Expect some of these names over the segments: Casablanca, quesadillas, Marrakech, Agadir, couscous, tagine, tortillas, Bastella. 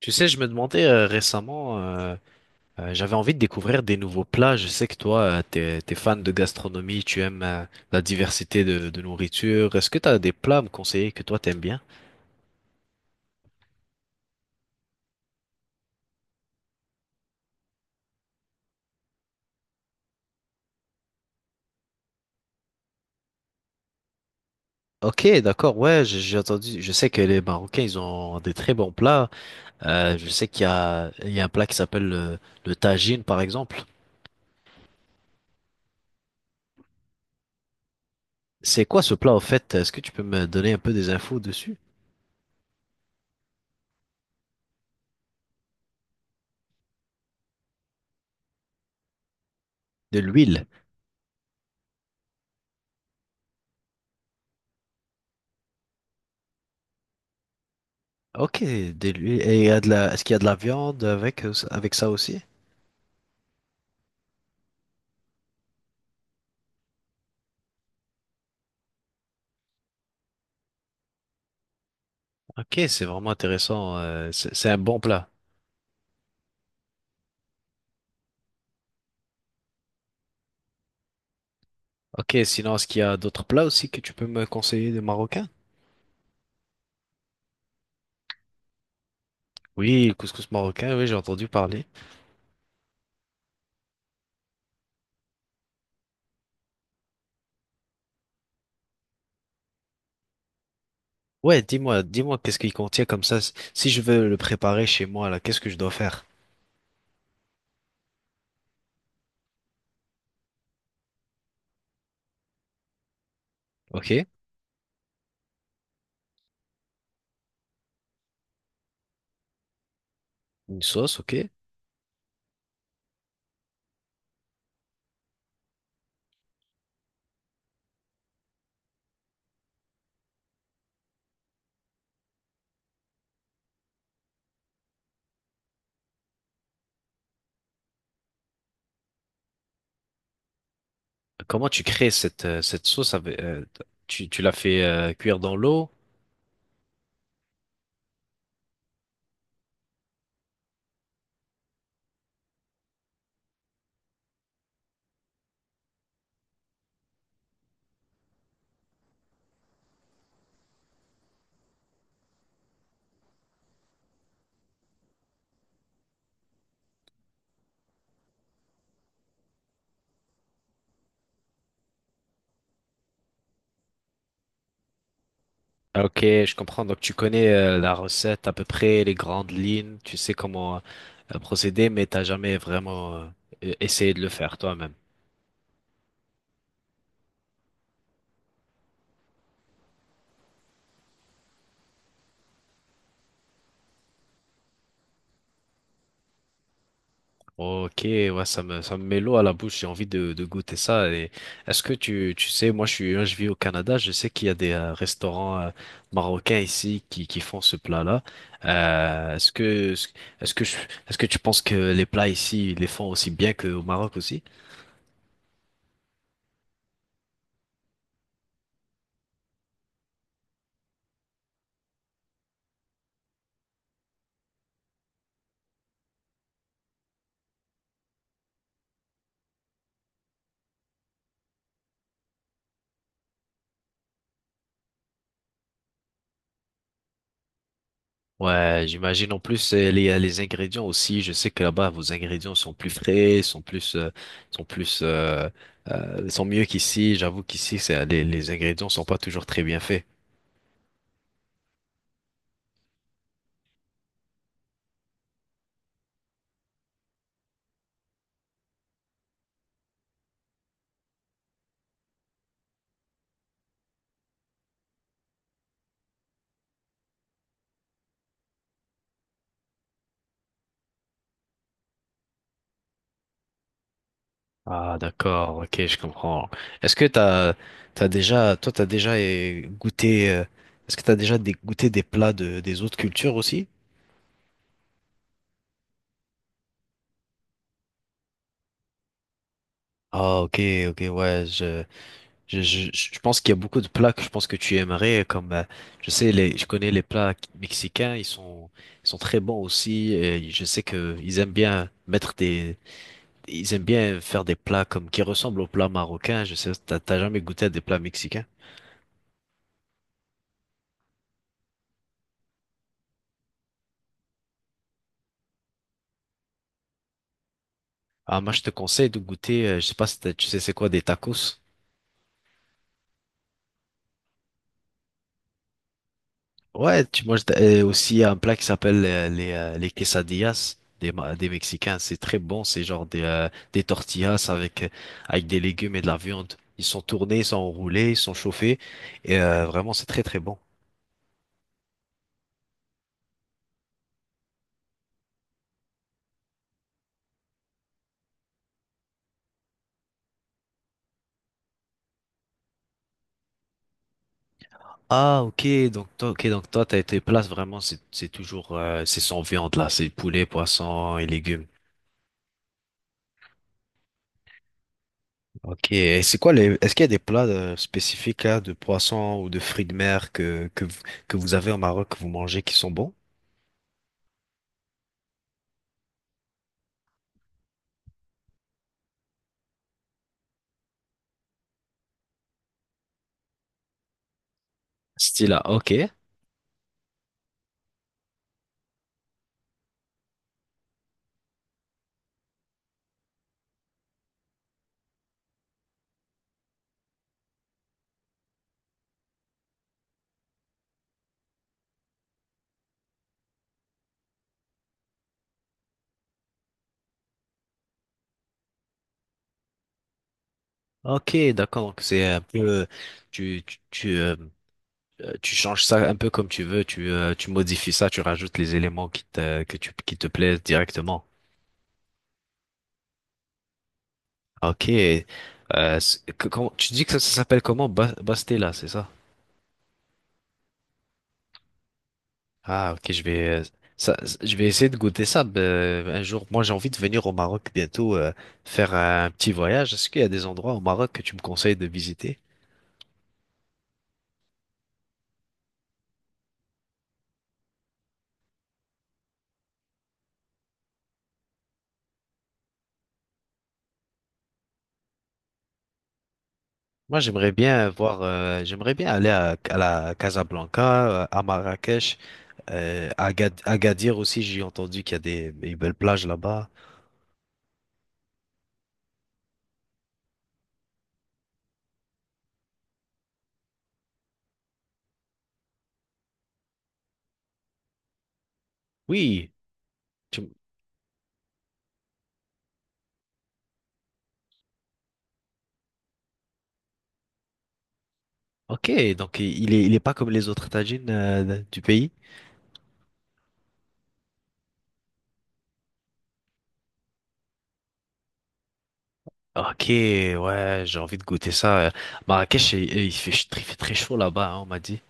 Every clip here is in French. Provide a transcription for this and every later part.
Tu sais, je me demandais récemment, j'avais envie de découvrir des nouveaux plats. Je sais que toi, t'es fan de gastronomie, tu aimes la diversité de nourriture. Est-ce que t'as des plats à me conseiller que toi t'aimes bien? Ok, d'accord, ouais, j'ai entendu, je sais que les Marocains, ils ont des très bons plats. Je sais qu'il y a un plat qui s'appelle le tagine, par exemple. C'est quoi ce plat, au fait? Est-ce que tu peux me donner un peu des infos dessus? De l'huile. Ok, de l'huile. Et il y a de la, est-ce qu'il y a de la viande avec, avec ça aussi? Ok, c'est vraiment intéressant. C'est un bon plat. Ok, sinon, est-ce qu'il y a d'autres plats aussi que tu peux me conseiller de marocains? Oui, le couscous marocain, oui, j'ai entendu parler. Ouais, dis-moi, dis-moi qu'est-ce qu'il contient comme ça. Si je veux le préparer chez moi, là, qu'est-ce que je dois faire? Ok, une sauce, ok. Comment tu crées cette, cette sauce avec, tu, tu l'as fait cuire dans l'eau? Ah, ok, je comprends. Donc tu connais la recette à peu près, les grandes lignes, tu sais comment procéder, mais t'as jamais vraiment essayé de le faire toi-même. Ok, ouais, ça me met l'eau à la bouche, j'ai envie de goûter ça. Et est-ce que tu sais, moi je suis, hein, je vis au Canada, je sais qu'il y a des restaurants marocains ici qui font ce plat-là. Euh, est-ce que, est-ce que je- est-ce que tu penses que les plats ici, ils les font aussi bien qu'au Maroc aussi? Ouais, j'imagine en plus les ingrédients aussi. Je sais que là-bas, vos ingrédients sont plus frais, sont plus, euh, sont mieux qu'ici. J'avoue qu'ici, c'est, les ingrédients sont pas toujours très bien faits. Ah, d'accord, ok, je comprends. Est-ce que t'as, t'as déjà, toi, t'as déjà eh, goûté, est-ce que t'as déjà des- goûté des plats de, des autres cultures aussi? Ah, ok, ok, ouais, je pense qu'il y a beaucoup de plats que je pense que tu aimerais, comme, je sais, je connais les plats mexicains, ils sont très bons aussi, et je sais que ils aiment bien mettre des, ils aiment bien faire des plats comme qui ressemblent aux plats marocains. Je sais, t'as jamais goûté à des plats mexicains? Ah, moi, je te conseille de goûter, je sais pas si t'as- tu sais c'est quoi, des tacos. Ouais, tu manges aussi un plat qui s'appelle les quesadillas des, Ma- des Mexicains. C'est très bon, c'est genre des tortillas avec, avec des légumes et de la viande. Ils sont tournés, ils sont enroulés, ils sont chauffés. Et vraiment, c'est très très bon. Ah, ok, donc toi, t'as été place vraiment, c'est toujours, c'est sans viande là, c'est poulet, poisson et légumes. Ok, et c'est quoi les... Est-ce qu'il y a des plats spécifiques là, de poisson ou de fruits de mer que, que vous avez au Maroc, que vous mangez, qui sont bons? Style là, ok. Ok, d'accord. Donc c'est un peu... Tu, tu, tu, euh, tu changes ça un peu comme tu veux, tu, tu modifies ça, tu rajoutes les éléments qui te, que tu, qui te plaisent directement. Ok. Tu dis que ça s'appelle comment? Bastella, c'est ça? Ah, ok, ça, je vais essayer de goûter ça un jour. Moi, j'ai envie de venir au Maroc bientôt, faire un petit voyage. Est-ce qu'il y a des endroits au Maroc que tu me conseilles de visiter? Moi, j'aimerais bien voir, j'aimerais bien aller à la Casablanca, à Marrakech. Agadir aussi, j'ai entendu qu'il y a des belles plages là-bas. Oui, tu- ok, donc il est pas comme les autres tagines du pays. Ok, ouais, j'ai envie de goûter ça. Marrakech, il, il fait très chaud là-bas, hein, on m'a dit.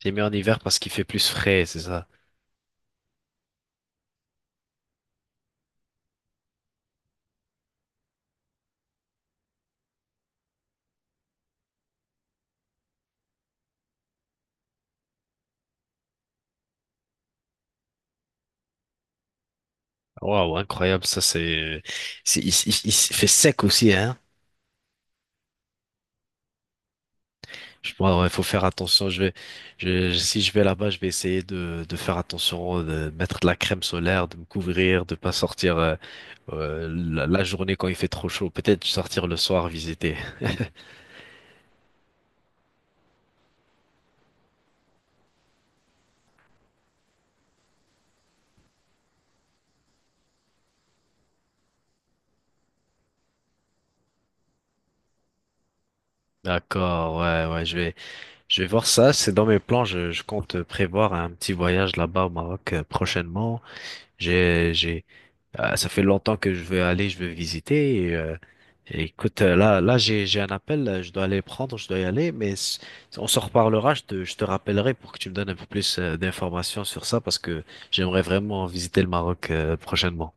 J'ai mis en hiver parce qu'il fait plus frais, c'est ça. Waouh, incroyable, ça c'est, il fait sec aussi, hein. Je, il faut faire attention. Si je vais là-bas, je vais essayer de faire attention, de mettre de la crème solaire, de me couvrir, de pas sortir la, la journée quand il fait trop chaud. Peut-être sortir le soir visiter. D'accord, ouais, ouais, je vais voir ça. C'est dans mes plans. Je compte prévoir un petit voyage là-bas au Maroc prochainement. J'ai, j'ai, ça fait longtemps que je veux aller, je veux visiter. Et écoute, là, j'ai un appel, je dois aller prendre, je dois y aller, on s'en reparlera. Je te rappellerai pour que tu me donnes un peu plus d'informations sur ça parce que j'aimerais vraiment visiter le Maroc prochainement.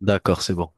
D'accord, c'est bon.